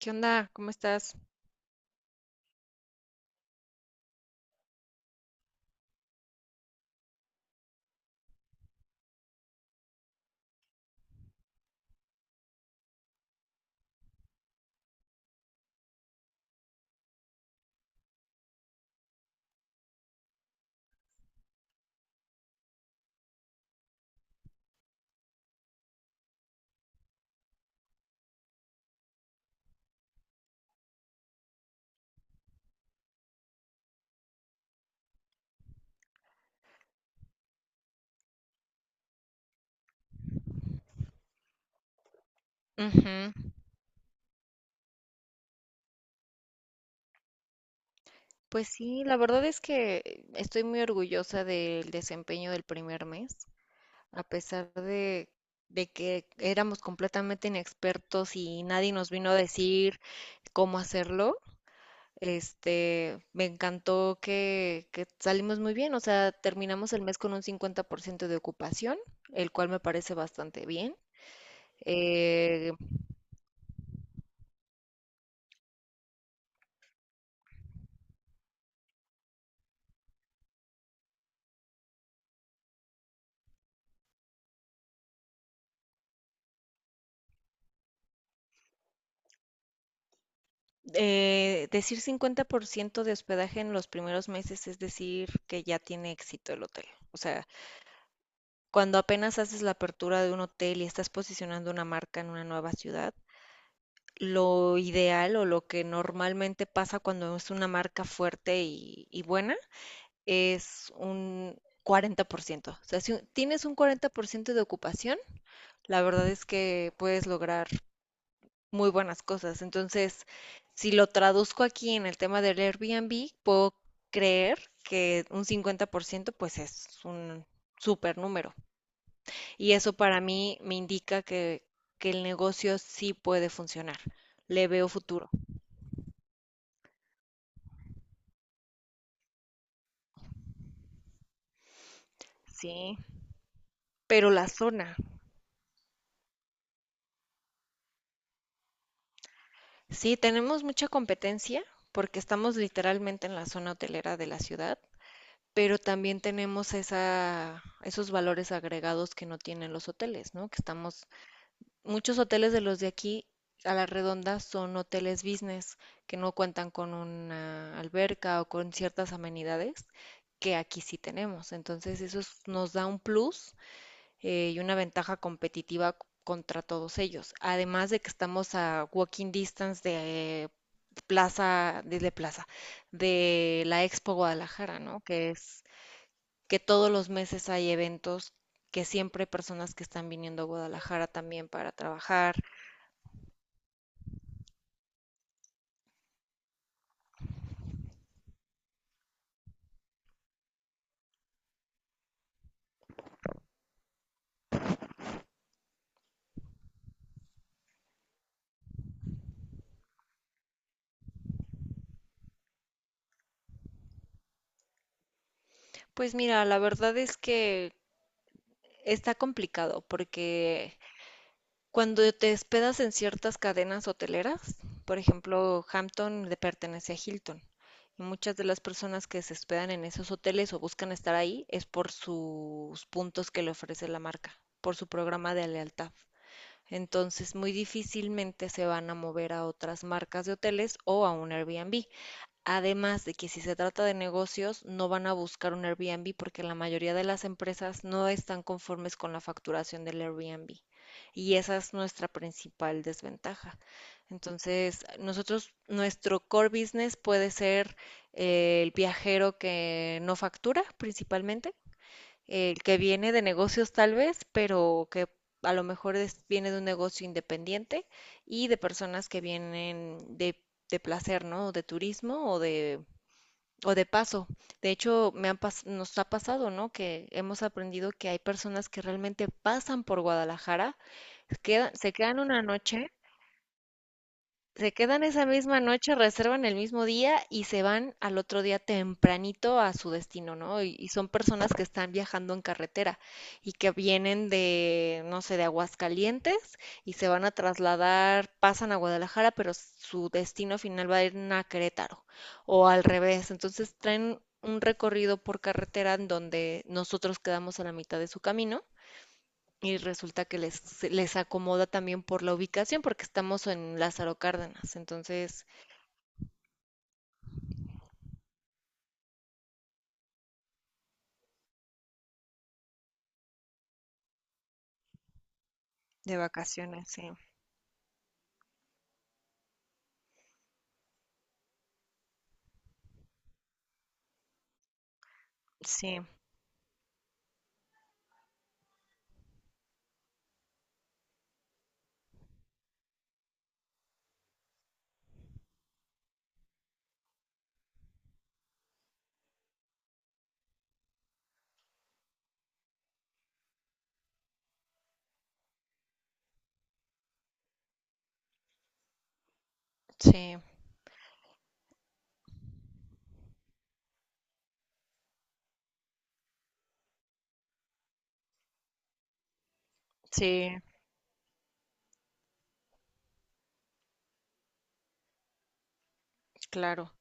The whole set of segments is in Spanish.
¿Qué onda? ¿Cómo estás? Ujú. Pues sí, la verdad es que estoy muy orgullosa del desempeño del primer mes, a pesar de que éramos completamente inexpertos y nadie nos vino a decir cómo hacerlo. Este, me encantó que salimos muy bien, o sea, terminamos el mes con un 50% de ocupación, el cual me parece bastante bien. eh, Decir 50% de hospedaje en los primeros meses es decir que ya tiene éxito el hotel. O sea, cuando apenas haces la apertura de un hotel y estás posicionando una marca en una nueva ciudad, lo ideal o lo que normalmente pasa cuando es una marca fuerte y buena es un 40%. O sea, si tienes un 40% de ocupación, la verdad es que puedes lograr muy buenas cosas. Entonces, si lo traduzco aquí en el tema del Airbnb, puedo creer que un 50% pues es un súper número. Y eso para mí me indica que el negocio sí puede funcionar. Le veo futuro. Sí. Pero la zona, sí, tenemos mucha competencia porque estamos literalmente en la zona hotelera de la ciudad, pero también tenemos esos valores agregados que no tienen los hoteles, ¿no? Que estamos. Muchos hoteles de los de aquí a la redonda son hoteles business que no cuentan con una alberca o con ciertas amenidades que aquí sí tenemos. Entonces nos da un plus y una ventaja competitiva contra todos ellos. Además de que estamos a walking distance de plaza, desde plaza, de la Expo Guadalajara, ¿no? Que todos los meses hay eventos, que siempre hay personas que están viniendo a Guadalajara también para trabajar. Pues mira, la verdad es que está complicado porque cuando te hospedas en ciertas cadenas hoteleras, por ejemplo, Hampton le pertenece a Hilton y muchas de las personas que se hospedan en esos hoteles o buscan estar ahí es por sus puntos que le ofrece la marca, por su programa de lealtad. Entonces, muy difícilmente se van a mover a otras marcas de hoteles o a un Airbnb. Además de que si se trata de negocios, no van a buscar un Airbnb porque la mayoría de las empresas no están conformes con la facturación del Airbnb. Y esa es nuestra principal desventaja. Entonces, nosotros, nuestro core business puede ser el viajero que no factura principalmente, el que viene de negocios tal vez, pero que a lo mejor viene de un negocio independiente y de personas que vienen de placer, ¿no? De turismo o de paso. De hecho, nos ha pasado, ¿no? Que hemos aprendido que hay personas que realmente pasan por Guadalajara, se quedan una noche, se quedan esa misma noche, reservan el mismo día y se van al otro día tempranito a su destino, ¿no? Y son personas que están viajando en carretera y que vienen de, no sé, de Aguascalientes y se van a trasladar, pasan a Guadalajara, pero su destino final va a ir a Querétaro o al revés. Entonces traen un recorrido por carretera en donde nosotros quedamos a la mitad de su camino y resulta les acomoda también por la ubicación porque estamos en Lázaro Cárdenas, entonces de vacaciones, sí, sí, sí, sí, claro,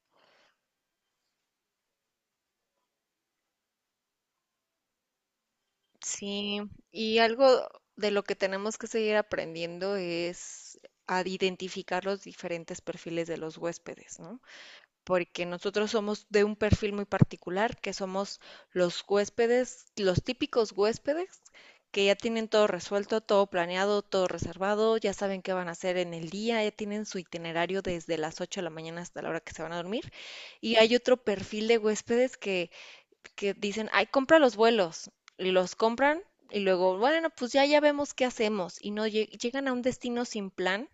sí. Y algo de lo que tenemos que seguir aprendiendo es a identificar los diferentes perfiles de los huéspedes, ¿no? Porque nosotros somos de un perfil muy particular, que somos los huéspedes, los típicos huéspedes que ya tienen todo resuelto, todo planeado, todo reservado, ya saben qué van a hacer en el día, ya tienen su itinerario desde las 8 de la mañana hasta la hora que se van a dormir. Y hay otro perfil de huéspedes que dicen, ay, compra los vuelos, y los compran y luego, bueno, pues ya, ya vemos qué hacemos. Y no lleg- llegan a un destino sin plan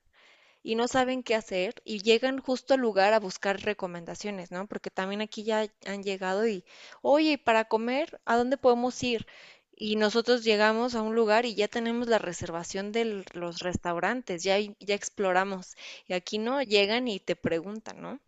y no saben qué hacer y llegan justo al lugar a buscar recomendaciones, ¿no? Porque también aquí ya han llegado y, oye, para comer, ¿a dónde podemos ir? Y nosotros llegamos a un lugar y ya tenemos la reservación de los restaurantes, ya, ya exploramos. Y aquí no, llegan y te preguntan, ¿no?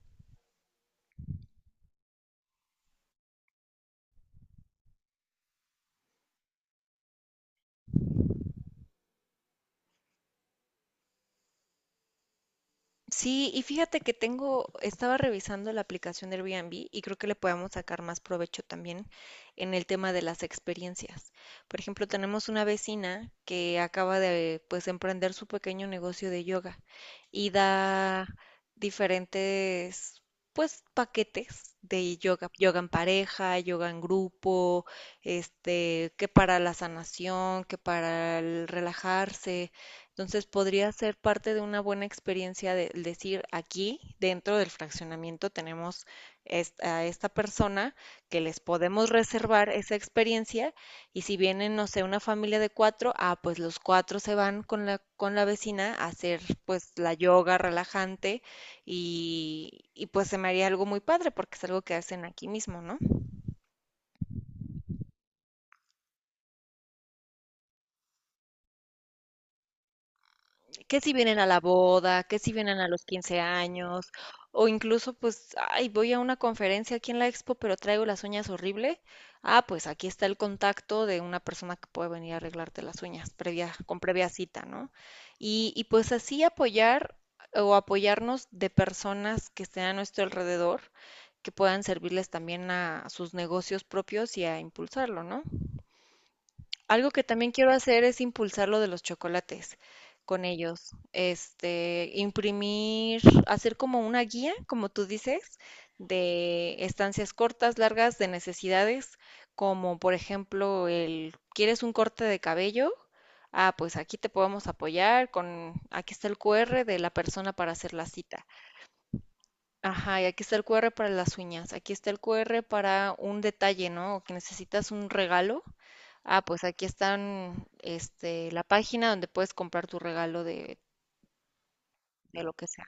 Sí, y fíjate que tengo, estaba revisando la aplicación de Airbnb y creo que le podemos sacar más provecho también en el tema de las experiencias. Por ejemplo, tenemos una vecina que acaba de pues emprender su pequeño negocio de yoga y da diferentes pues paquetes de yoga, yoga en pareja, yoga en grupo, este, que para la sanación, que para el relajarse. Entonces, podría ser parte de una buena experiencia de decir, aquí dentro del fraccionamiento tenemos a esta persona que les podemos reservar esa experiencia y si vienen, no sé, una familia de cuatro, ah, pues los cuatro se van con la vecina a hacer pues la yoga relajante y pues se me haría algo muy padre porque es algo que hacen aquí mismo, ¿no? Que si vienen a la boda, que si vienen a los 15 años, o incluso pues, ay, voy a una conferencia aquí en la expo, pero traigo las uñas horrible. Ah, pues aquí está el contacto de una persona que puede venir a arreglarte las uñas previa, con previa cita, ¿no? Y pues así apoyar o apoyarnos de personas que estén a nuestro alrededor, que puedan servirles también a sus negocios propios y a impulsarlo, ¿no? Algo que también quiero hacer es impulsar lo de los chocolates con ellos. Este, imprimir, hacer como una guía, como tú dices, de estancias cortas, largas, de necesidades, como por ejemplo el, ¿quieres un corte de cabello? Ah, pues aquí te podemos apoyar con, aquí está el QR de la persona para hacer la cita. Ajá, y aquí está el QR para las uñas, aquí está el QR para un detalle, ¿no? O que necesitas un regalo. Ah, pues aquí están, este, la página donde puedes comprar tu regalo de lo que sea.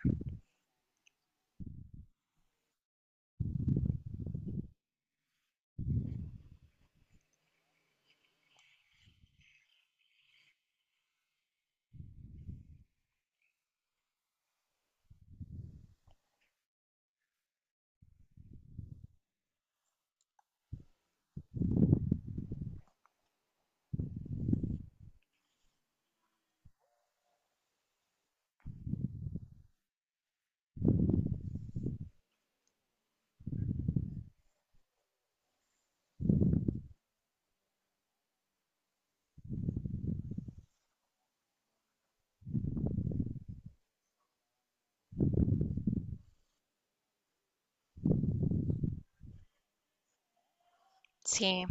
Sí,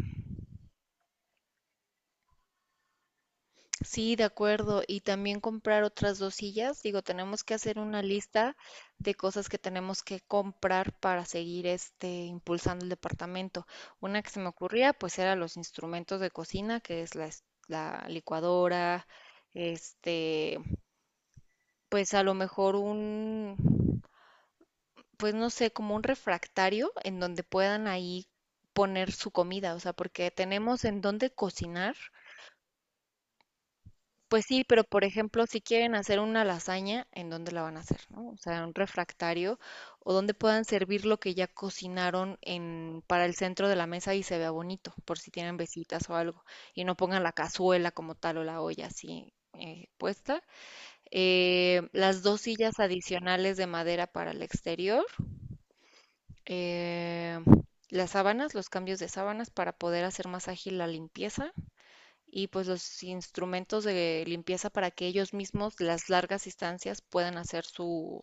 sí, de acuerdo. Y también comprar otras dos sillas. Digo, tenemos que hacer una lista de cosas que tenemos que comprar para seguir este impulsando el departamento. Una que se me ocurría, pues era los instrumentos de cocina, que es la licuadora, este, pues a lo mejor un, pues no sé, como un refractario en donde puedan ahí poner su comida, o sea, porque tenemos en dónde cocinar. Pues sí, pero por ejemplo, si quieren hacer una lasaña, ¿en dónde la van a hacer, no? O sea, un refractario o donde puedan servir lo que ya cocinaron en para el centro de la mesa y se vea bonito, por si tienen visitas o algo, y no pongan la cazuela como tal o la olla así puesta, las dos sillas adicionales de madera para el exterior, eh, las sábanas, los cambios de sábanas para poder hacer más ágil la limpieza y pues los instrumentos de limpieza para que ellos mismos las largas distancias puedan hacer sus,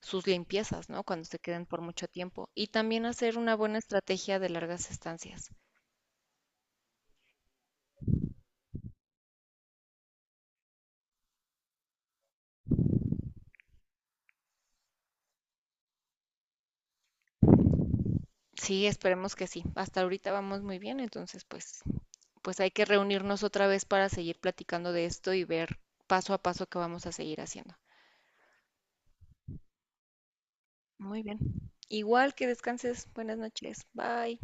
sus limpiezas, ¿no? Cuando se queden por mucho tiempo. Y también hacer una buena estrategia de largas estancias. Sí, esperemos que sí. Hasta ahorita vamos muy bien, entonces pues pues hay que reunirnos otra vez para seguir platicando de esto y ver paso a paso qué vamos a seguir haciendo. Muy bien. Igual que descanses. Buenas noches. Bye.